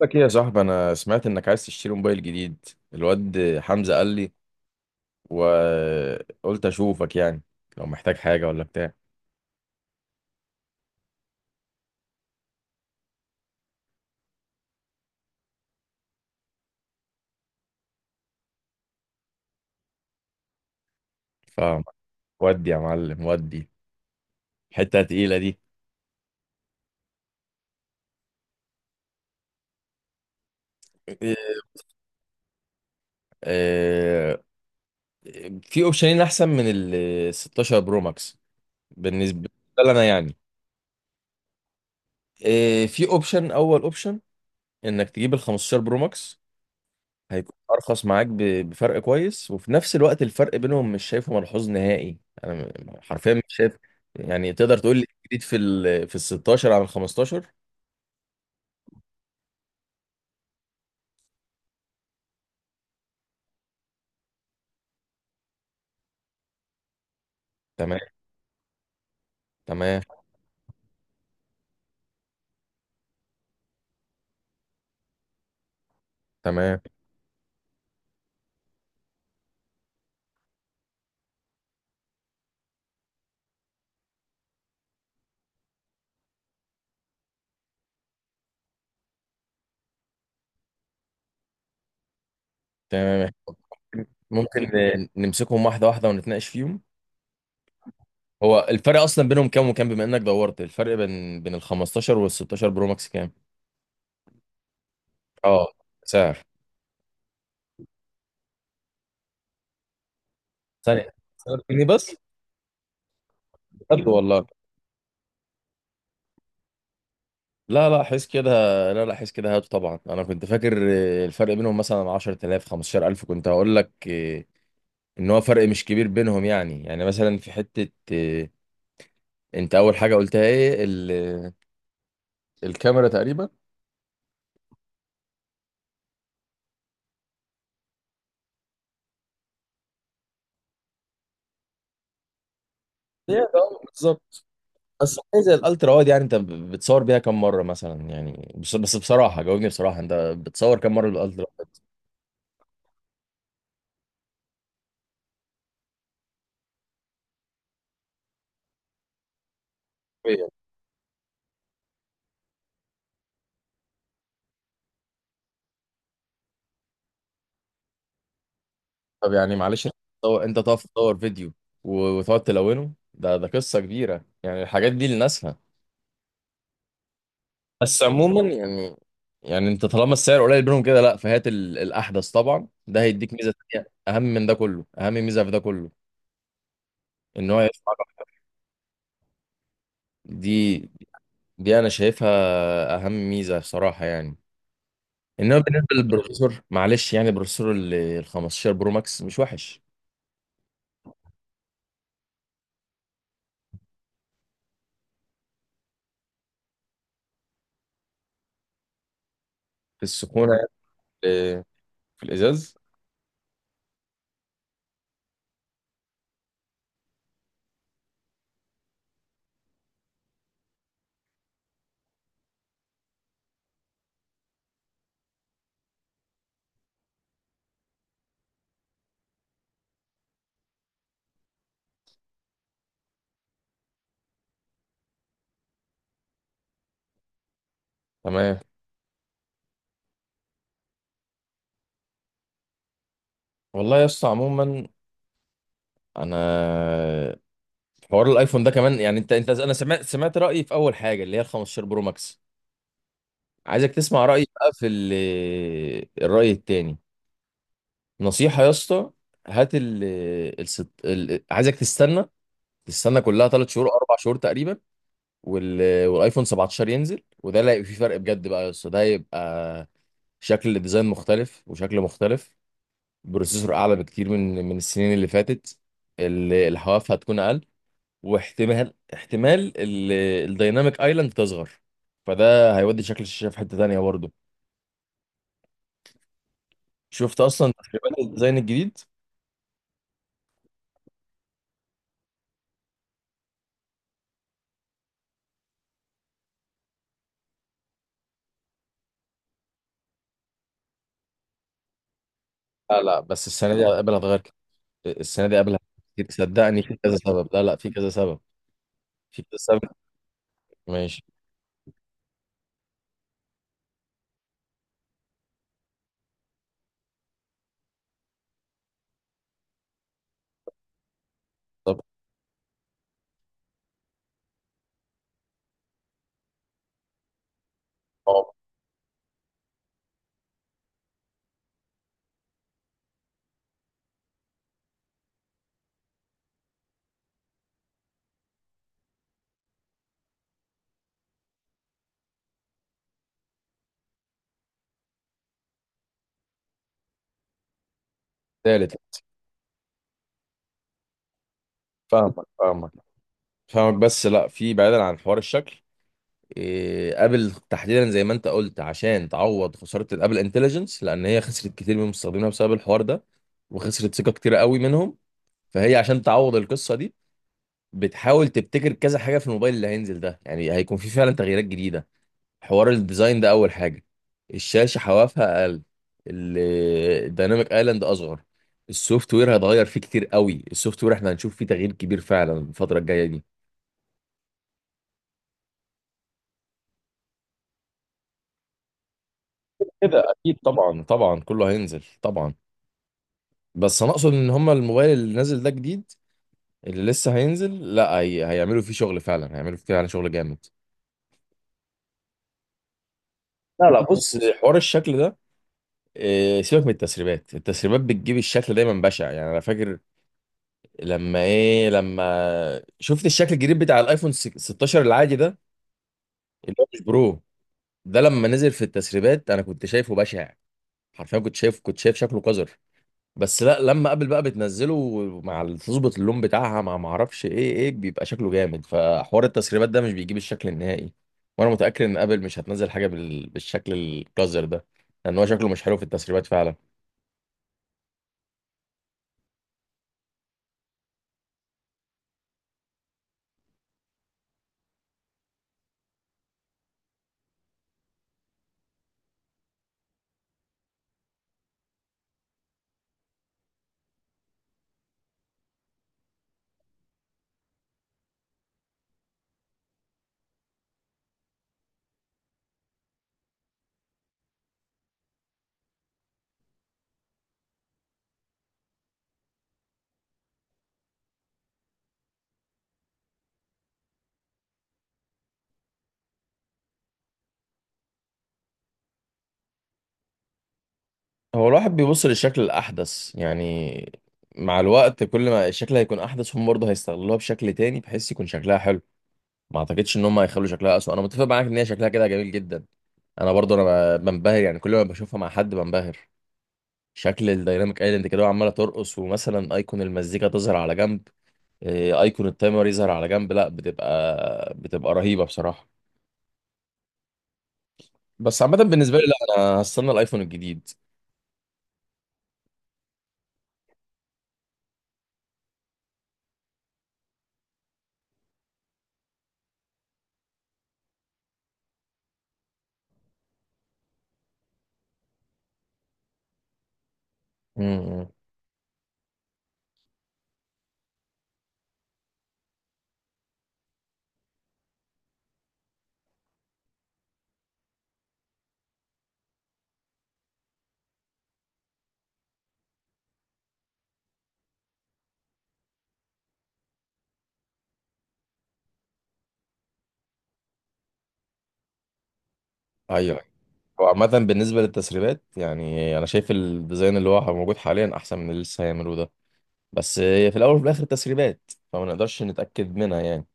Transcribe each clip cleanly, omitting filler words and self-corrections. لك ايه يا صاحبي؟ انا سمعت انك عايز تشتري موبايل جديد. الواد حمزة قال لي، وقلت اشوفك يعني لو محتاج حاجة ولا بتاع. فودي يا معلم ودي. حتة تقيلة دي. آه، في اوبشنين احسن من ال 16 برو ماكس، بالنسبة لي انا يعني. في اوبشن اول اوبشن انك تجيب ال 15 برو ماكس، هيكون ارخص معاك بفرق كويس، وفي نفس الوقت الفرق بينهم مش شايفه ملحوظ نهائي. انا حرفيا مش شايف يعني. تقدر تقول لي جديد في ال 16 على ال 15؟ تمام، تمام، تمام، تمام. ممكن نمسكهم واحده واحده ونتناقش فيهم. هو الفرق اصلا بينهم كام وكام؟ بما انك دورت، الفرق بين ال 15 وال 16 برو ماكس كام؟ اه، سعر. ثانية، سعر جنيه بس؟ بجد والله؟ لا لا، حس كده. لا لا، حس كده، هاته طبعا. انا كنت فاكر الفرق بينهم مثلا 10,000 15,000، كنت هقول لك ان هو فرق مش كبير بينهم يعني. يعني مثلا في حتة انت اول حاجة قلتها ايه؟ الكاميرا تقريبا. هي ده، آه، بالظبط. بس حاجة زي الالترا وايد، يعني انت بتصور بيها كام مرة مثلا؟ يعني بس بس بصراحة جاوبني بصراحة، انت بتصور كام مرة بالالترا وايد؟ طب يعني معلش، انت تقف تصور فيديو وتقعد تلونه؟ ده قصة كبيرة يعني، الحاجات دي لناسها. بس عموما يعني، يعني انت طالما السعر قليل بينهم كده، لا فهات الاحدث طبعا. ده هيديك ميزه تانيه اهم من ده كله، اهم ميزه في ده كله ان هو يدفع رقم. دي، دي انا شايفها اهم ميزه صراحه يعني. انما بالنسبه للبروسيسور معلش، يعني البروسيسور ال 15 برو ماكس مش وحش في السخونه، في في الازاز. تمام. والله يا اسطى عموما، انا حوار الايفون ده كمان يعني، انت انا سمعت رايي في اول حاجه اللي هي ال 15 برو ماكس. عايزك تسمع رأيي بقى في الرأي التاني. نصيحة يا اسطى، هات عايزك تستنى، تستنى كلها ثلاث شهور اربع شهور تقريبا، والايفون 17 ينزل. وده اللي هيبقى فيه فرق بجد بقى يا اسطى. ده هيبقى شكل الديزاين مختلف، وشكل مختلف، بروسيسور اعلى بكتير من السنين اللي فاتت. الحواف هتكون اقل، واحتمال الديناميك ايلاند تصغر. فده هيودي شكل الشاشة في حتة تانية برضه. شفت اصلا تقريبا الديزاين الجديد؟ لا لا، بس السنه دي قبل هتغير كتير. السنه دي قبل كتير صدقني، في كذا سبب. لا لا، في كذا سبب. في كذا سبب. ماشي. طب، اه، تالت. فاهمك، فاهمك، فاهمك، بس لا، في بعيدا عن حوار الشكل، ابل تحديدا زي ما انت قلت عشان تعوض خساره الابل انتليجنس، لان هي خسرت كتير من مستخدمينها بسبب الحوار ده، وخسرت ثقه كتير قوي منهم. فهي عشان تعوض القصه دي بتحاول تبتكر كذا حاجه في الموبايل اللي هينزل ده. يعني هيكون في فعلا تغييرات جديده. حوار الديزاين ده اول حاجه، الشاشه حوافها اقل، ال- الديناميك ايلاند اصغر، السوفت وير هيتغير فيه كتير قوي. السوفت وير احنا هنشوف فيه تغيير كبير فعلا الفتره الجايه دي. كده اكيد طبعا، طبعا كله هينزل طبعا. بس انا اقصد ان هما الموبايل اللي نازل ده جديد، اللي لسه هينزل، لا هي... هيعملوا فيه شغل فعلا، هيعملوا فيه فعلا شغل جامد. لا لا، بص، حوار الشكل ده، سيبك من التسريبات. التسريبات بتجيب الشكل دايما بشع يعني. انا فاكر لما ايه، لما شفت الشكل الجديد بتاع الايفون 16 العادي ده، اللي هو مش برو، ده لما نزل في التسريبات انا كنت شايفه بشع. حرفيا كنت شايف شكله قذر. بس لا، لما ابل بقى بتنزله مع تظبط اللون بتاعها، مع ما اعرفش ايه بيبقى شكله جامد. فحوار التسريبات ده مش بيجيب الشكل النهائي، وانا متاكد ان ابل مش هتنزل حاجه بالشكل القذر ده، لان هو شكله مش حلو في التسريبات فعلا. هو الواحد بيبص للشكل الأحدث يعني. مع الوقت كل ما الشكل هيكون أحدث هم برضه هيستغلوها بشكل تاني بحيث يكون شكلها حلو. ما أعتقدش إن هم هيخلوا شكلها أسوأ. أنا متفق معاك إن هي شكلها كده جميل جدا. أنا برضه بنبهر يعني، كل ما بشوفها مع حد بنبهر. شكل الديناميك ايلاند كده وعمالة ترقص، ومثلا أيقون المزيكا تظهر على جنب، أيقون التايمر يظهر على جنب، لا بتبقى رهيبة بصراحة. بس عامة بالنسبة لي لا، أنا هستنى الأيفون الجديد. امم. أيوه. هو عامة بالنسبة للتسريبات، يعني أنا شايف الديزاين اللي هو موجود حاليا أحسن من اللي لسه هيعملوه ده. بس هي في الأول وفي الآخر تسريبات، فما نقدرش نتأكد منها يعني.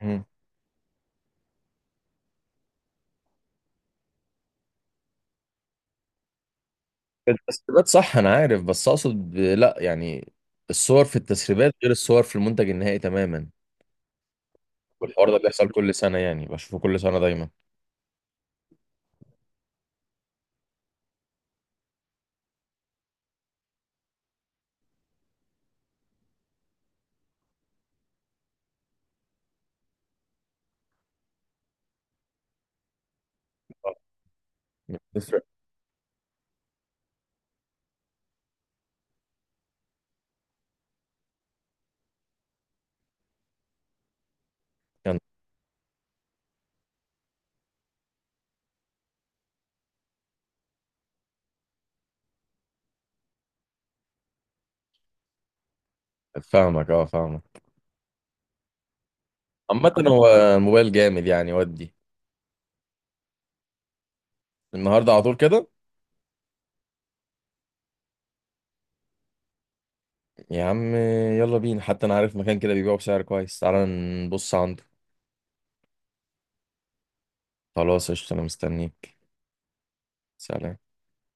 مم. التسريبات صح أنا عارف، بس أقصد لأ يعني الصور في التسريبات غير الصور في المنتج النهائي تماما. والحوار ده بيحصل كل سنة يعني، بشوفه كل سنة دايما. آه. مش بتفرق يعني. فاهمك، اه فاهمك. عامة هو الموبايل جامد يعني ودي. النهاردة على طول كده؟ يا عم يلا بينا. حتى انا عارف مكان كده بيبيعه بسعر كويس، تعالى نبص عنده. خلاص قشطة، انا مستنيك. سلام.